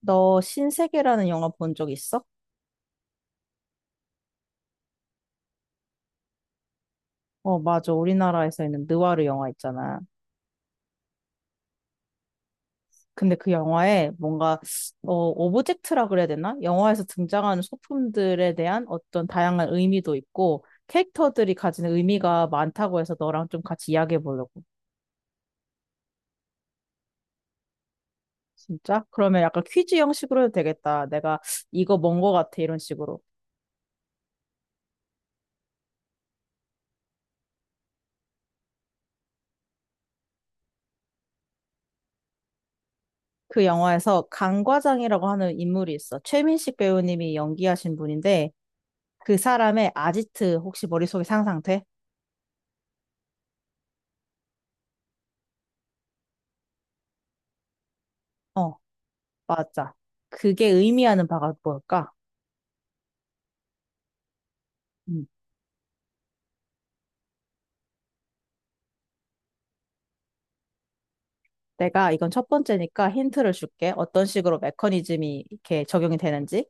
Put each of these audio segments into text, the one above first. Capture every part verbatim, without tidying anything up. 너 신세계라는 영화 본 적 있어? 어, 맞아. 우리나라에서 있는 느와르 영화 있잖아. 근데 그 영화에 뭔가, 어, 오브젝트라 그래야 되나? 영화에서 등장하는 소품들에 대한 어떤 다양한 의미도 있고, 캐릭터들이 가지는 의미가 많다고 해서 너랑 좀 같이 이야기해 보려고. 진짜? 그러면 약간 퀴즈 형식으로 해도 되겠다. 내가 이거 뭔 거 같아. 이런 식으로. 그 영화에서 강 과장이라고 하는 인물이 있어. 최민식 배우님이 연기하신 분인데, 그 사람의 아지트 혹시 머릿속에 상상돼? 어, 맞아. 그게 의미하는 바가 뭘까? 음. 내가 이건 첫 번째니까 힌트를 줄게. 어떤 식으로 메커니즘이 이렇게 적용이 되는지.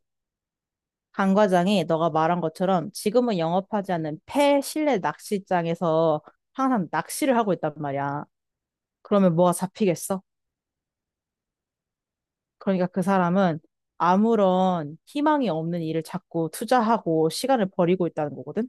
강 과장이 너가 말한 것처럼 지금은 영업하지 않는 폐실내 낚시장에서 항상 낚시를 하고 있단 말이야. 그러면 뭐가 잡히겠어? 그러니까 그 사람은 아무런 희망이 없는 일을 자꾸 투자하고 시간을 버리고 있다는 거거든.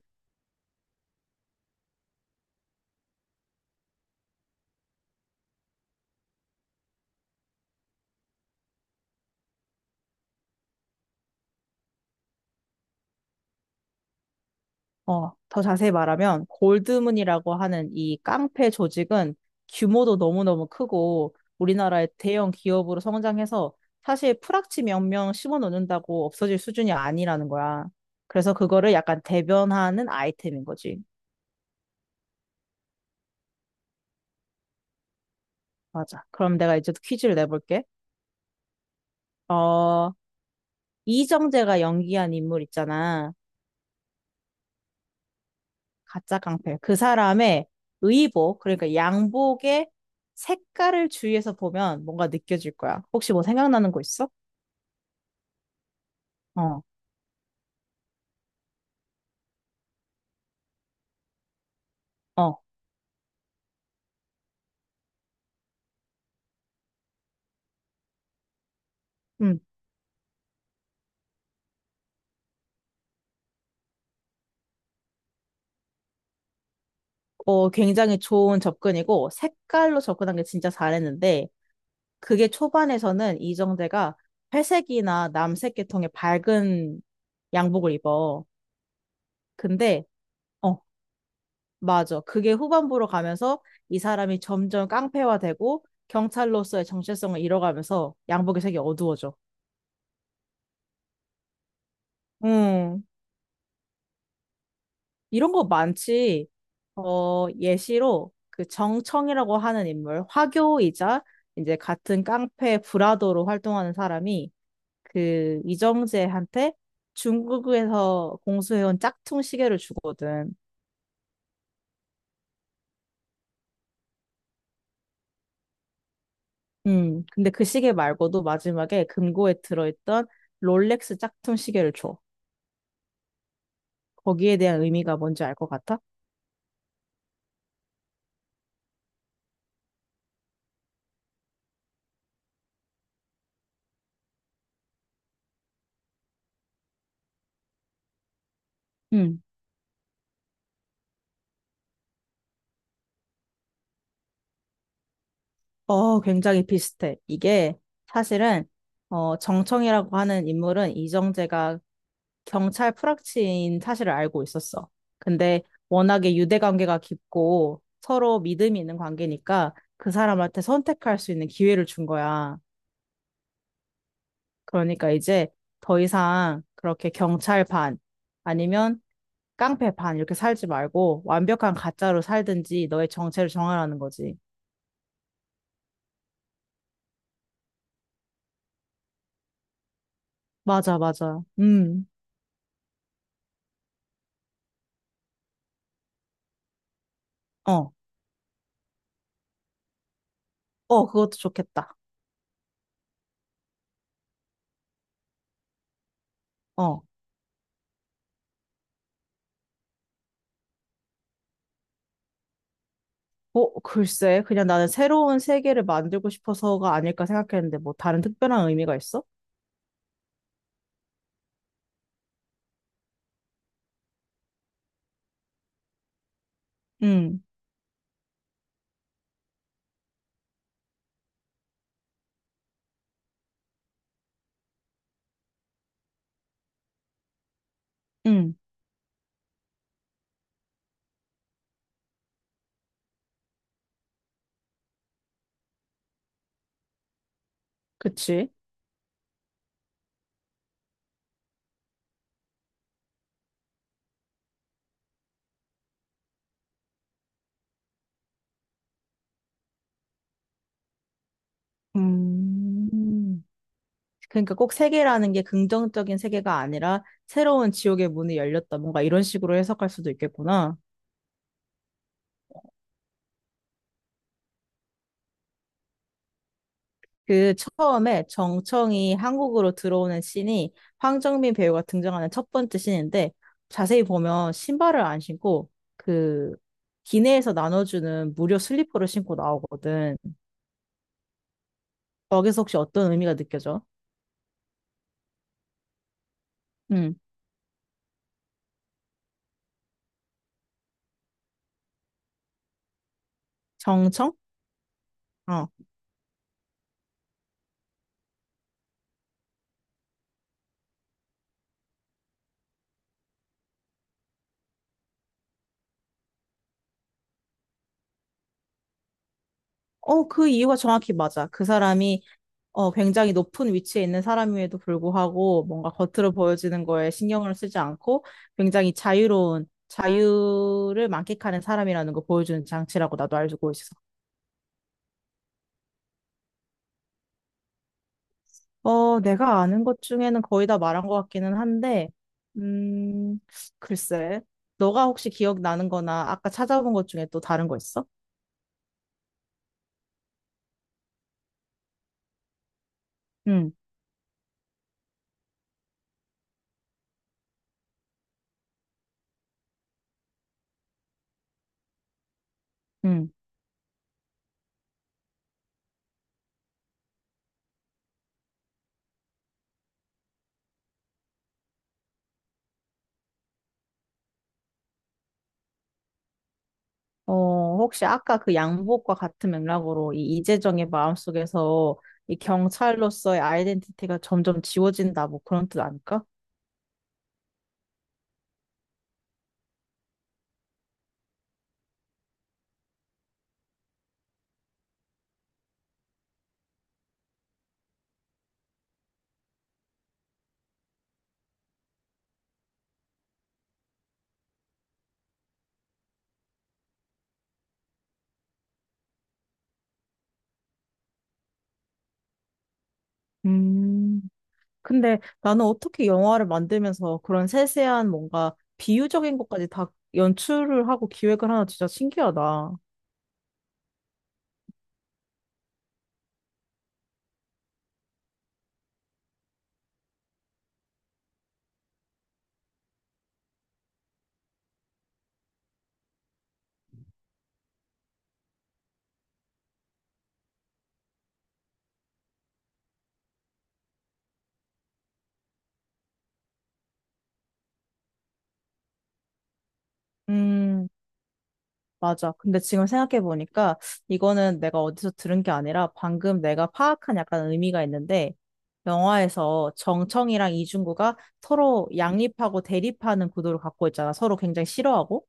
어, 더 자세히 말하면 골드문이라고 하는 이 깡패 조직은 규모도 너무너무 크고 우리나라의 대형 기업으로 성장해서 사실 프락치 몇 명 심어 놓는다고 없어질 수준이 아니라는 거야. 그래서 그거를 약간 대변하는 아이템인 거지. 맞아. 그럼 내가 이제 또 퀴즈를 내볼게. 어, 이정재가 연기한 인물 있잖아. 가짜 깡패. 그 사람의 의복, 그러니까 양복의 색깔을 주위에서 보면 뭔가 느껴질 거야. 혹시 뭐 생각나는 거 있어? 어, 어, 음. 어, 굉장히 좋은 접근이고, 색깔로 접근한 게 진짜 잘했는데, 그게 초반에서는 이정재가 회색이나 남색 계통의 밝은 양복을 입어. 근데, 어, 맞아. 그게 후반부로 가면서 이 사람이 점점 깡패화되고, 경찰로서의 정체성을 잃어가면서 양복의 색이 어두워져. 음, 이런 거 많지. 어, 예시로 그 정청이라고 하는 인물, 화교이자 이제 같은 깡패 브라더로 활동하는 사람이 그 이정재한테 중국에서 공수해온 짝퉁 시계를 주거든. 음, 근데 그 시계 말고도 마지막에 금고에 들어있던 롤렉스 짝퉁 시계를 줘. 거기에 대한 의미가 뭔지 알 것 같아? 응. 어, 굉장히 비슷해. 이게 사실은 어, 정청이라고 하는 인물은 이정재가 경찰 프락치인 사실을 알고 있었어. 근데 워낙에 유대 관계가 깊고 서로 믿음이 있는 관계니까 그 사람한테 선택할 수 있는 기회를 준 거야. 그러니까 이제 더 이상 그렇게 경찰 반 아니면 깡패 반 이렇게 살지 말고 완벽한 가짜로 살든지 너의 정체를 정하라는 거지. 맞아, 맞아. 음. 어. 어, 그것도 좋겠다. 어. 어, 글쎄, 그냥 나는 새로운 세계를 만들고 싶어서가 아닐까 생각했는데, 뭐, 다른 특별한 의미가 있어? 응, 응, 그치. 음. 그러니까 꼭 세계라는 게 긍정적인 세계가 아니라, 새로운 지옥의 문이 열렸다. 뭔가 이런 식으로 해석할 수도 있겠구나. 그 처음에 정청이 한국으로 들어오는 씬이 황정민 배우가 등장하는 첫 번째 씬인데 자세히 보면 신발을 안 신고 그 기내에서 나눠주는 무료 슬리퍼를 신고 나오거든. 거기서 혹시 어떤 의미가 느껴져? 음, 정청? 어. 어, 그 이유가 정확히 맞아. 그 사람이 어, 굉장히 높은 위치에 있는 사람임에도 불구하고 뭔가 겉으로 보여지는 거에 신경을 쓰지 않고 굉장히 자유로운 자유를 만끽하는 사람이라는 걸 보여주는 장치라고 나도 알고 있어. 어, 내가 아는 것 중에는 거의 다 말한 것 같기는 한데, 음, 글쎄, 너가 혹시 기억나는 거나 아까 찾아본 것 중에 또 다른 거 있어? 응, 응. 어, 혹시 아까 그 양복과 같은 맥락으로 이 이재정의 마음속에서 이 경찰로서의 아이덴티티가 점점 지워진다, 뭐 그런 뜻 아닐까? 음, 근데 나는 어떻게 영화를 만들면서 그런 세세한 뭔가 비유적인 것까지 다 연출을 하고 기획을 하나 진짜 신기하다. 음. 맞아. 근데 지금 생각해보니까 이거는 내가 어디서 들은 게 아니라 방금 내가 파악한 약간 의미가 있는데 영화에서 정청이랑 이중구가 서로 양립하고 대립하는 구도를 갖고 있잖아. 서로 굉장히 싫어하고.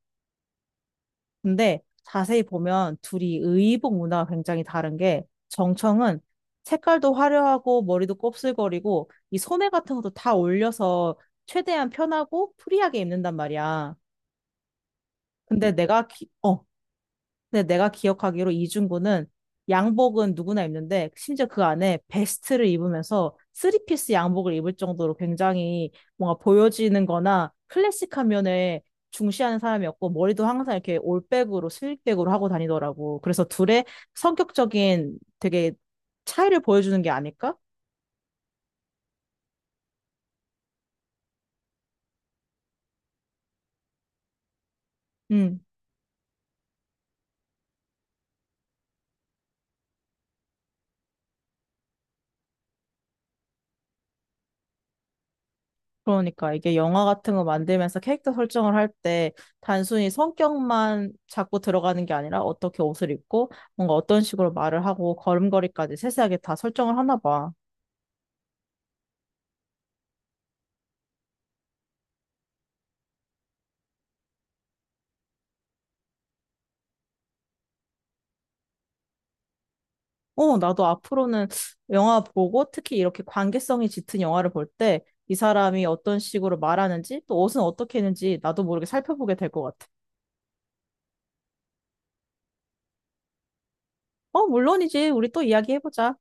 근데 자세히 보면 둘이 의복 문화가 굉장히 다른 게 정청은 색깔도 화려하고 머리도 곱슬거리고 이 소매 같은 것도 다 올려서 최대한 편하고 프리하게 입는단 말이야. 근데 내가 기- 어, 근데 내가 기억하기로 이중구는 양복은 누구나 입는데 심지어 그 안에 베스트를 입으면서 쓰리피스 양복을 입을 정도로 굉장히 뭔가 보여지는 거나 클래식한 면에 중시하는 사람이었고 머리도 항상 이렇게 올백으로 슬릭백으로 하고 다니더라고. 그래서 둘의 성격적인 되게 차이를 보여주는 게 아닐까? 음. 그러니까 이게 영화 같은 거 만들면서 캐릭터 설정을 할 때 단순히 성격만 자꾸 들어가는 게 아니라 어떻게 옷을 입고 뭔가 어떤 식으로 말을 하고 걸음걸이까지 세세하게 다 설정을 하나 봐. 어, 나도 앞으로는 영화 보고 특히 이렇게 관계성이 짙은 영화를 볼 때 이 사람이 어떤 식으로 말하는지 또 옷은 어떻게 했는지 나도 모르게 살펴보게 될 것 같아. 어, 물론이지. 우리 또 이야기해보자.